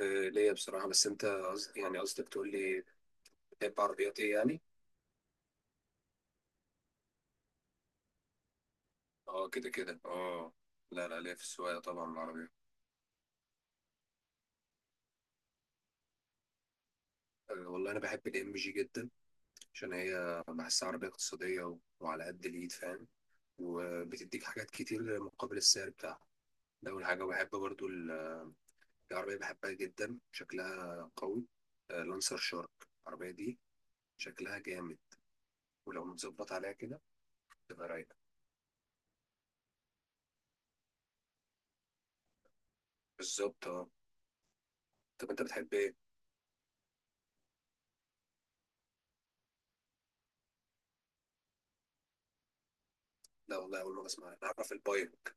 آه، ليا بصراحة. بس أنت قصدك تقول لي بتحب عربيات إيه يعني؟ أه، كده كده، أه. لا لا، ليا في السواقة طبعا العربية. أه والله أنا بحب الإم جي جدا، عشان هي بحسها عربية اقتصادية، وعلى قد الإيد، فاهم. وبتديك حاجات كتير مقابل السعر بتاعها. ده أول حاجة. وبحب برضو في عربية بحبها جدا شكلها قوي. آه، لانسر شارك، العربية دي شكلها جامد، ولو متظبط عليها كده تبقى رايقة. بالظبط، أه. طب أنت بتحب إيه؟ لا والله، أول مرة أسمع، أنا أعرف البايك.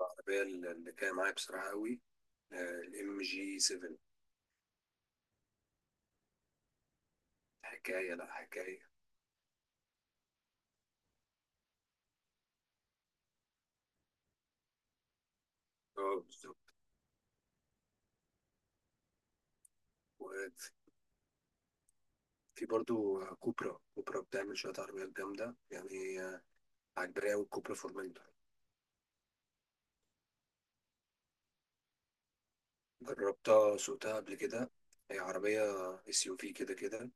العربية اللي كان معايا بصراحة قوي الام جي 7، حكاية، لا حكاية. اه بالظبط. وفي برضو كوبرا، كوبرا بتعمل شوية عربيات جامدة يعني. عجباني أوي الكوبرا فورمنتور. جربتها، سوقتها قبل كده. هي عربية اس يو في كده كده.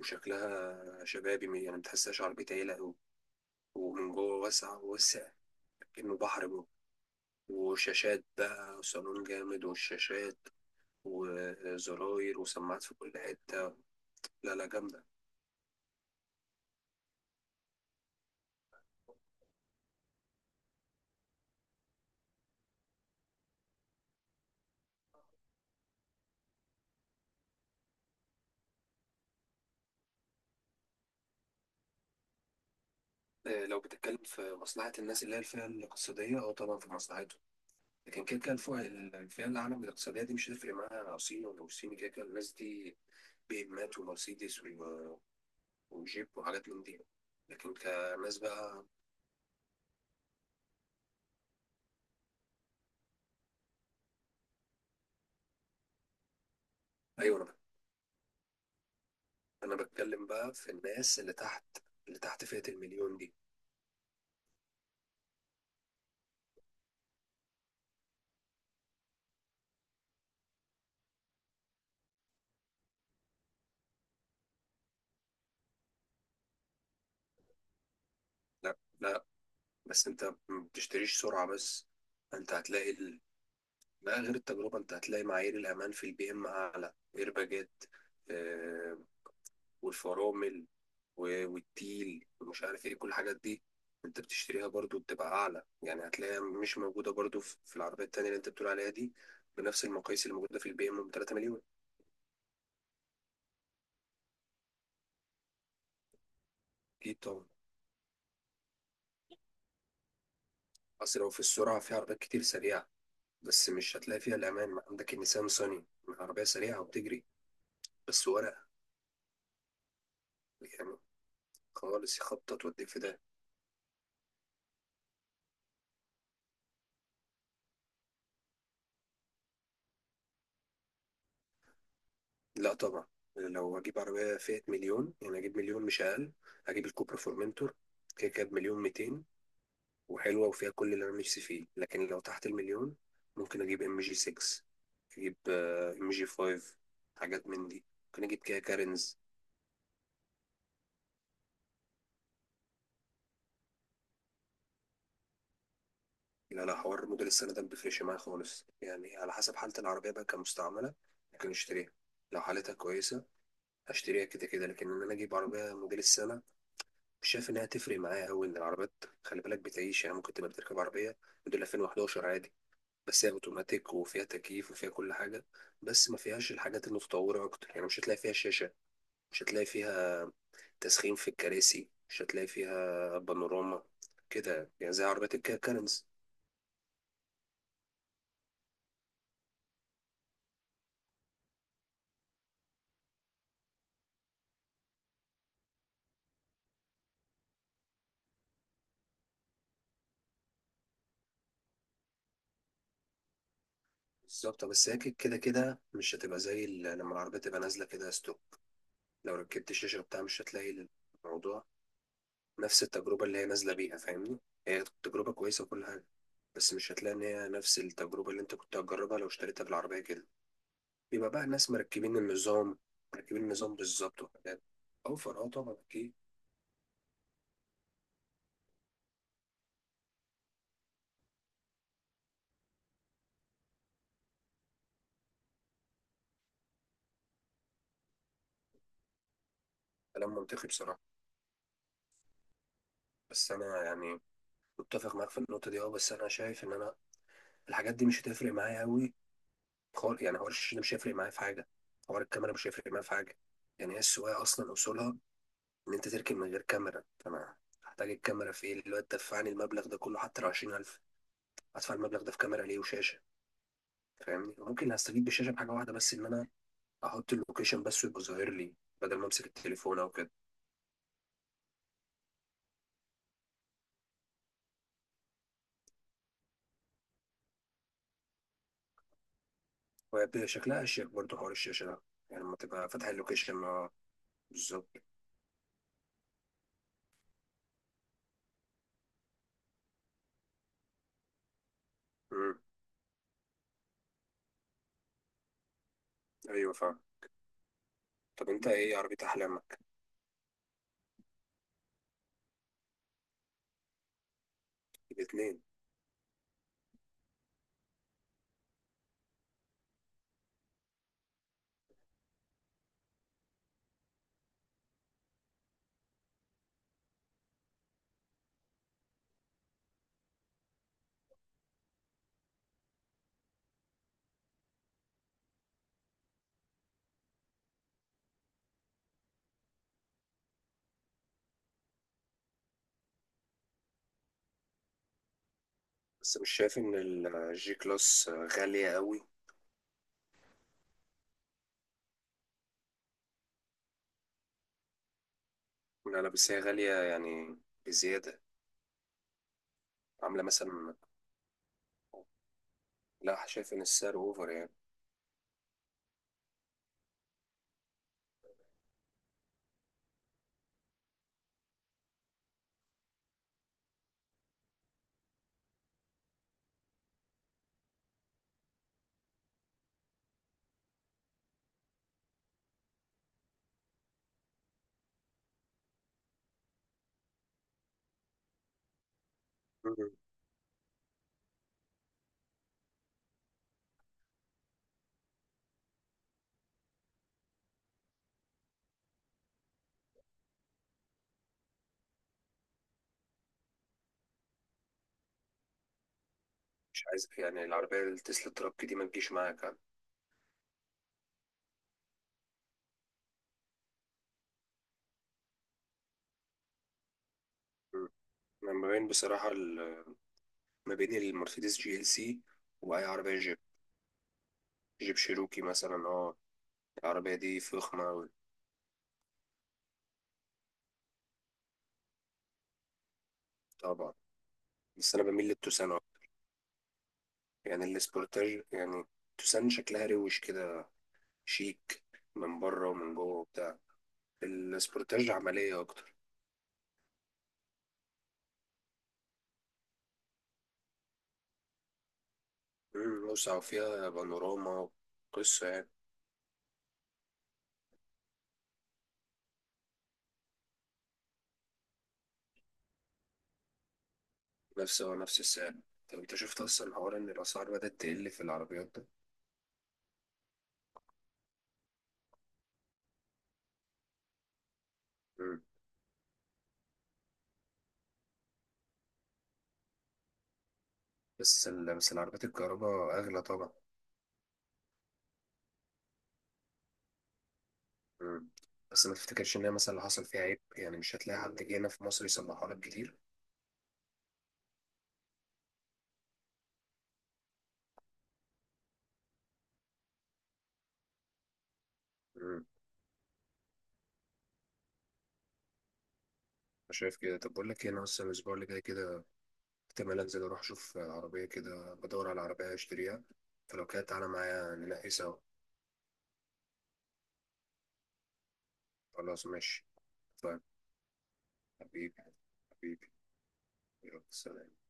وشكلها شبابي، يعني متحسهاش عربية عيلة أوي. ومن جوه واسعة، واسع كأنه بحر جوه. وشاشات بقى، وصالون جامد، والشاشات وزراير وسماعات في كل حتة. لا لا، جامدة. آه، لو بتتكلم في مصلحة الناس اللي هي الفئة الاقتصادية، أو طبعا في مصلحتهم. لكن كده كده الفئة، الفئة العالم الاقتصادية دي مش هتفرق معاها صين ولا مش صين. كده كده الناس دي بيهمات ومرسيدس وجيب وحاجات من دي. لكن كناس بقى. أيوة، أنا بتكلم بقى في الناس اللي تحت، اللي تحت فئة المليون دي. لا لا، بس أنت ما بتشتريش سرعة بس. أنت هتلاقي ال... لا، غير التجربة، أنت هتلاقي معايير الأمان في البي إم أعلى، إيرباجات آه، والفرامل، والتيل ومش عارف ايه كل الحاجات دي انت بتشتريها، برضو بتبقى اعلى. يعني هتلاقيها مش موجوده برضو في العربيه التانيه اللي انت بتقول عليها دي، بنفس المقاييس اللي موجوده في البي ام ب 3 مليون. اكيد طبعا. اصل لو في السرعه، في عربيات كتير سريعه بس مش هتلاقي فيها الامان. ما عندك النيسان صني، عربيه سريعه وبتجري بس ورقه يعني خالص، يخبطط وتوديك في ده. لا طبعا، لو هجيب عربيه فئه مليون يعني هجيب مليون، مش اقل. هجيب الكوبرا فورمنتور، كده كده بمليون 200، وحلوة وفيها كل اللي أنا نفسي فيه. لكن لو تحت المليون ممكن أجيب ام جي 6، أجيب ام جي 5، حاجات من دي، ممكن أجيب كيا كارينز. لا لا، حوار موديل السنة ده مبيفرقش معايا خالص. يعني على حسب حالة العربية بقى، كمستعملة ممكن أشتريها، لو حالتها كويسة هشتريها كده كده. لكن إن أنا أجيب عربية موديل السنة، مش شايف إنها تفرق معايا أوي. إن العربيات خلي بالك بتعيش. يعني ممكن تبقى بتركب عربية موديل 2011 عادي، بس هي اوتوماتيك وفيها تكييف وفيها كل حاجه، بس ما فيهاش الحاجات المتطوره اكتر. يعني مش هتلاقي فيها شاشه، مش هتلاقي فيها تسخين في الكراسي، مش هتلاقي فيها بانوراما، كده يعني. يعني زي عربيات الكيا كارنز. بالظبط، بس هي كده كده مش هتبقى زي لما العربيه تبقى نازله كده ستوك. لو ركبت الشاشه بتاعها مش هتلاقي الموضوع نفس التجربه اللي هي نازله بيها، فاهمني. هي تجربه كويسه وكل حاجه، بس مش هتلاقي ان هي نفس التجربه اللي انت كنت هتجربها لو اشتريتها بالعربيه كده. بيبقى بقى الناس مركبين النظام. مركبين النظام بالظبط، وحاجات. اوفر، اه طبعا اكيد. كلام منطقي بصراحه. بس انا يعني متفق معاك في النقطه دي، اه. بس انا شايف ان انا الحاجات دي مش هتفرق معايا قوي خالص. يعني حوار الشاشه ده مش هيفرق معايا في حاجه، حوار الكاميرا مش هيفرق معايا في حاجه. يعني هي السواقه اصلا اصولها ان انت تركن من غير كاميرا، فانا هحتاج الكاميرا في ايه دلوقتي؟ دفعني المبلغ ده كله، حتى لو 20,000 هدفع المبلغ ده في كاميرا ليه وشاشه. فاهمني، ممكن هستفيد بالشاشه بحاجه واحده بس، ان انا احط اللوكيشن بس ويبقى ظاهر لي، بدل ما امسك التليفون او كده. وهي شكلها اشيك برضه حوار الشاشه ده، يعني لما تبقى فاتح اللوكيشن، اه. بالظبط. مم. ايوه فاهم. طب انت ايه عربيه احلامك؟ الاثنين. بس مش شايف ان الجي كلاس غاليه قوي؟ لا لا، بس هي غاليه يعني بزياده. عامله مثلا، لا، شايف ان السعر اوفر يعني. مم. مش عايز يعني العربيه التسلا ترك دي ما تجيش معاك يعني. مم. أنا ما بين بصراحه ما بين المرسيدس جي ال سي واي عربيه، جيب شيروكي مثلا، اه. العربية دي فخمة أوي. طبعا، بس أنا بميل للتوسان أكتر. يعني السبورتاج، يعني التوسان شكلها روش كده، شيك من بره ومن جوه وبتاع. السبورتاج عملية أكتر. مم، واسعة وفيها بانوراما. قصة يعني. هو نفس السعر. طب أنت شفت أصلا حوار إن الأسعار بدأت تقل في العربيات ده؟ مم. بس العربيات الكهرباء أغلى طبعا. مم. بس ما تفتكرش إن هي مثلا اللي حصل فيها عيب، يعني مش هتلاقي حد جه هنا في مصر يصلحها لك كتير. أنا شايف كده. طب بقول لك ايه، انا اصلا الاسبوع اللي جاي كده احتمال انزل اروح اشوف عربيه، كده بدور على عربيه اشتريها. فلو كده تعالى معايا ننقي سوا. خلاص ماشي. طيب، حبيبي، حبيبي، يلا سلام.